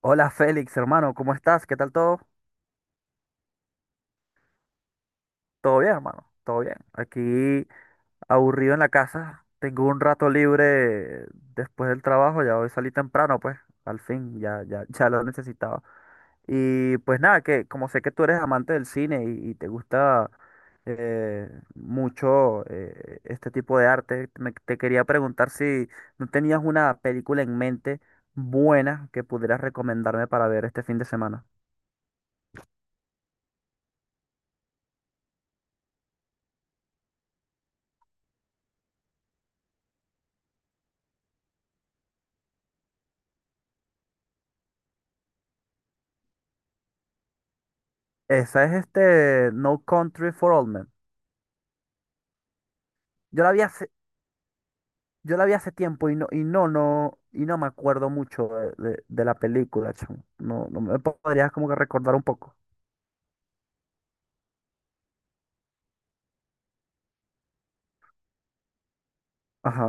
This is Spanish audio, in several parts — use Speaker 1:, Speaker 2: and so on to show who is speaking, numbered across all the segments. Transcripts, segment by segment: Speaker 1: Hola Félix, hermano, ¿cómo estás? ¿Qué tal todo? ¿Todo bien, hermano? ¿Todo bien? Aquí aburrido en la casa. Tengo un rato libre después del trabajo, ya hoy salí temprano, pues, al fin, ya, ya, ya lo necesitaba. Y pues nada, que como sé que tú eres amante del cine y te gusta eh, mucho este tipo de arte, te quería preguntar si no tenías una película en mente buena que pudieras recomendarme para ver este fin de semana. Esa es No Country for Old Men. Yo la vi hace, yo la vi hace tiempo y no me acuerdo mucho de la película, chamo. No, no me podrías como que recordar un poco. Ajá.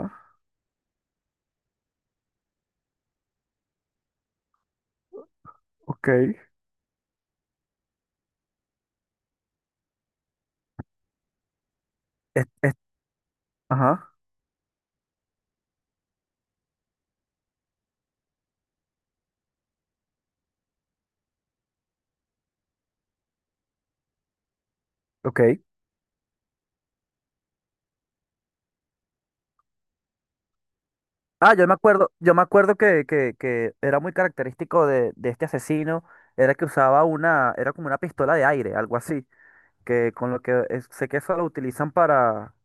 Speaker 1: Ok, es- ajá. Ok. Ah, yo me acuerdo que era muy característico de este asesino, era que usaba una, era como una pistola de aire, algo así, que con lo que sé que eso lo utilizan para,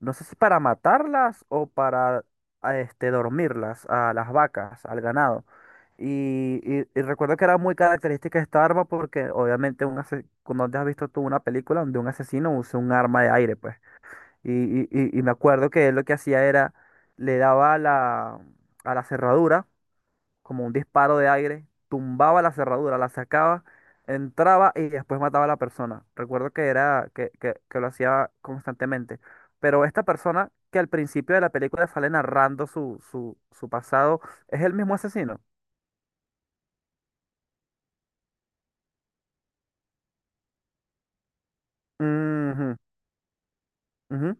Speaker 1: no sé si para matarlas o para dormirlas a las vacas, al ganado. Y recuerdo que era muy característica esta arma porque obviamente cuando te has visto tú una película donde un asesino usa un arma de aire, pues. Y, y me acuerdo que él lo que hacía era, le daba a la cerradura como un disparo de aire, tumbaba la cerradura, la sacaba, entraba y después mataba a la persona. Recuerdo que era que lo hacía constantemente. Pero esta persona que al principio de la película sale narrando su pasado, es el mismo asesino. Ujú, ujú.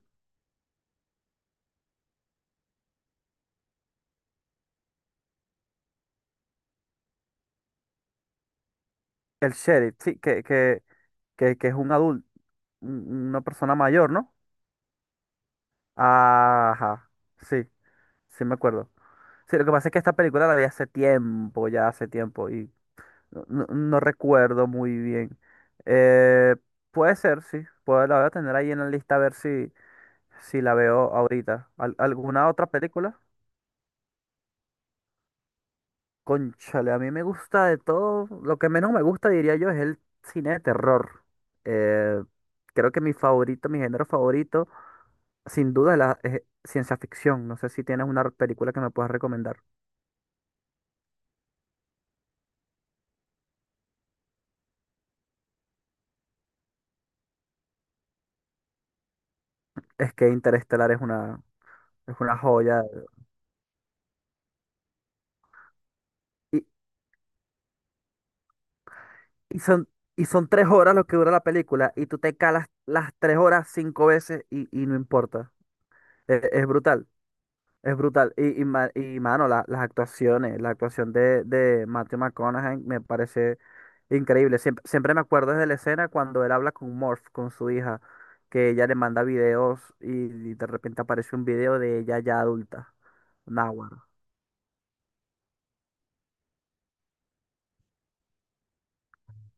Speaker 1: El sheriff, sí, que es un adulto, una persona mayor, ¿no? Ajá, sí, sí me acuerdo. Sí, lo que pasa es que esta película la vi hace tiempo, ya hace tiempo, y no recuerdo muy bien. Eh, Puede ser, sí. Puedo, la voy a tener ahí en la lista a ver si la veo ahorita. ¿Alguna otra película? Cónchale, a mí me gusta de todo. Lo que menos me gusta, diría yo, es el cine de terror. Eh, Creo que mi género favorito, sin duda, es ciencia ficción. No sé si tienes una película que me puedas recomendar. Es que Interestelar es una joya. Y son, y son 3 horas lo que dura la película y tú te calas las 3 horas 5 veces y no importa. Es, brutal, es brutal. Y, mano, la actuación de Matthew McConaughey me parece increíble. Siempre, siempre me acuerdo de la escena cuando él habla con Morph, con su hija, que ella le manda videos y, de repente aparece un video de ella ya adulta. Náguara.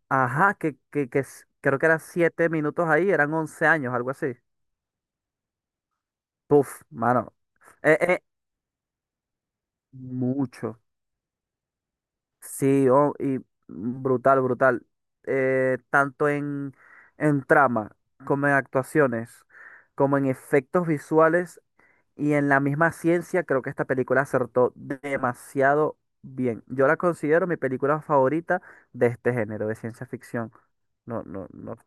Speaker 1: Ajá, que creo que eran 7 minutos ahí, eran 11 años, algo así. Puf, mano. E, e, Mucho. Sí, oh, y brutal, brutal. Tanto en trama, como en actuaciones, como en efectos visuales y en la misma ciencia, creo que esta película acertó demasiado bien. Yo la considero mi película favorita de este género, de ciencia ficción. No, no, no.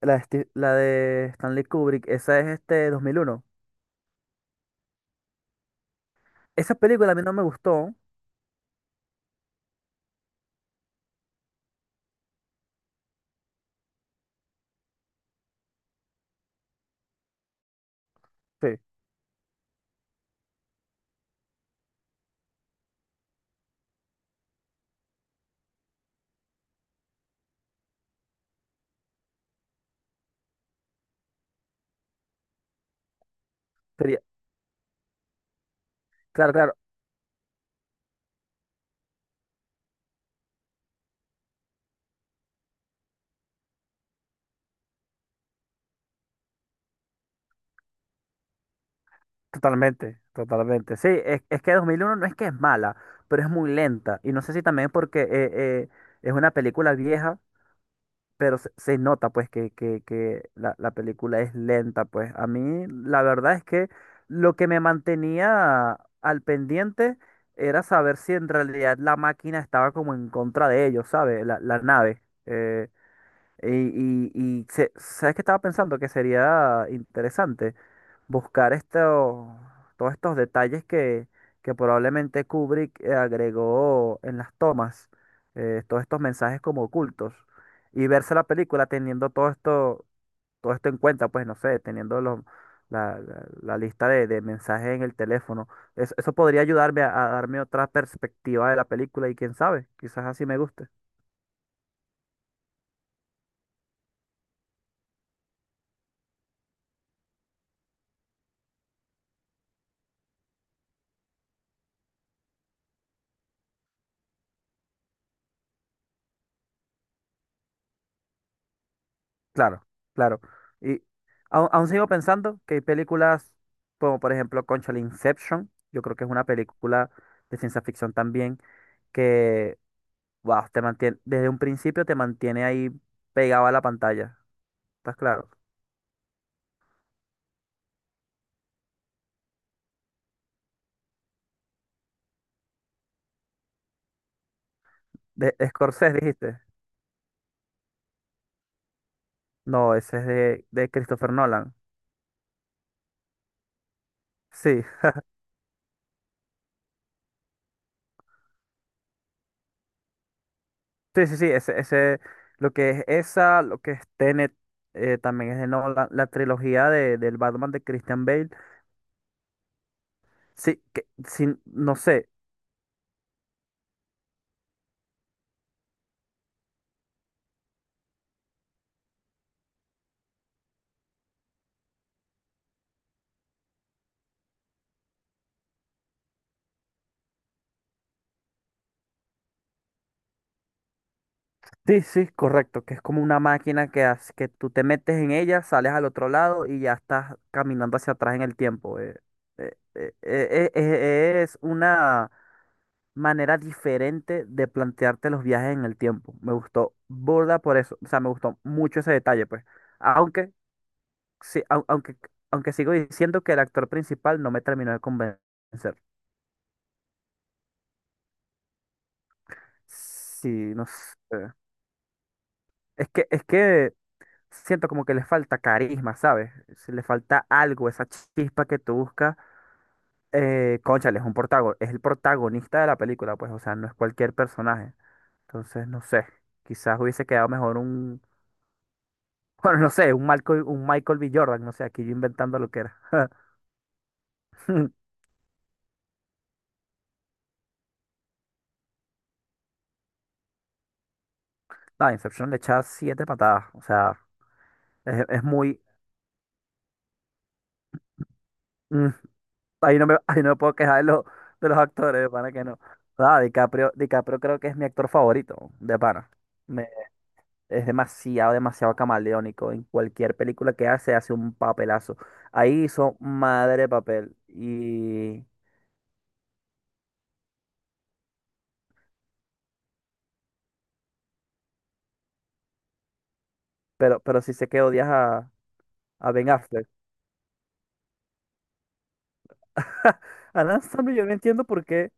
Speaker 1: La de Stanley Kubrick, esa es 2001. Esa película a mí no me gustó. Sí. Sería- claro, claro. Totalmente, totalmente. Sí, es que 2001 no es que es mala, pero es muy lenta. Y no sé si también porque es una película vieja, pero se nota pues que la película es lenta. Pues a mí la verdad es que lo que me mantenía al pendiente era saber si en realidad la máquina estaba como en contra de ellos, ¿sabes? La nave. Eh, y, ¿Sabes qué estaba pensando? Que sería interesante buscar esto, todos estos detalles que probablemente Kubrick agregó en las tomas, todos estos mensajes como ocultos, y verse la película teniendo todo esto en cuenta, pues no sé, teniendo la lista de mensajes en el teléfono. Eso podría ayudarme a darme otra perspectiva de la película y quién sabe, quizás así me guste. Claro, claro. Y aún, sigo pensando que hay películas como por ejemplo Conchal Inception, yo creo que es una película de ciencia ficción también que, wow, te mantiene, desde un principio te mantiene ahí pegado a la pantalla, ¿estás claro? De Scorsese dijiste. No, ese es de Christopher Nolan. Sí, sí, sí, sí, lo que es Tenet, también es de Nolan, la trilogía del Batman de Christian Bale. Sí, que, sin, no sé. Sí, sí, correcto, que es como una máquina que, que tú te metes en ella, sales al otro lado y ya estás caminando hacia atrás en el tiempo. Es una manera diferente de plantearte los viajes en el tiempo. Me gustó burda por eso, o sea, me gustó mucho ese detalle, pues. Aunque, sí, aunque sigo diciendo que el actor principal no me terminó de convencer. Sí, no sé. Es que siento como que le falta carisma, ¿sabes? Si le falta algo, esa chispa que tú buscas. Cónchale, es el protagonista de la película, pues, o sea, no es cualquier personaje. Entonces, no sé, quizás hubiese quedado mejor un, bueno, no sé, un Michael B. Jordan, no sé, aquí yo inventando lo que era. No, Inception le echa 7 patadas, o sea, es muy, mm, ahí no me puedo quejar de los actores, de pana que no. Ah, DiCaprio creo que es mi actor favorito, de pana. Es demasiado, demasiado camaleónico. En cualquier película que hace, hace un papelazo. Ahí hizo madre de papel. Y... Pero sí sé que odias a Ben Affleck. A Adam Sandler yo no entiendo por qué.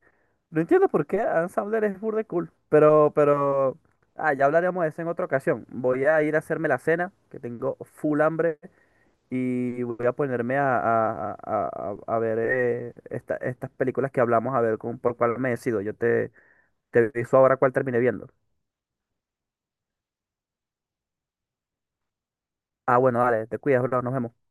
Speaker 1: No entiendo por qué Adam Sandler es burda de cool. Pero... Ah, ya hablaremos de eso en otra ocasión. Voy a ir a hacerme la cena, que tengo full hambre. Y voy a ponerme a ver estas películas que hablamos, a ver por cuál me decido. Yo te... Te aviso ahora cuál terminé viendo. Ah, bueno, dale, te cuidas, bro, nos vemos.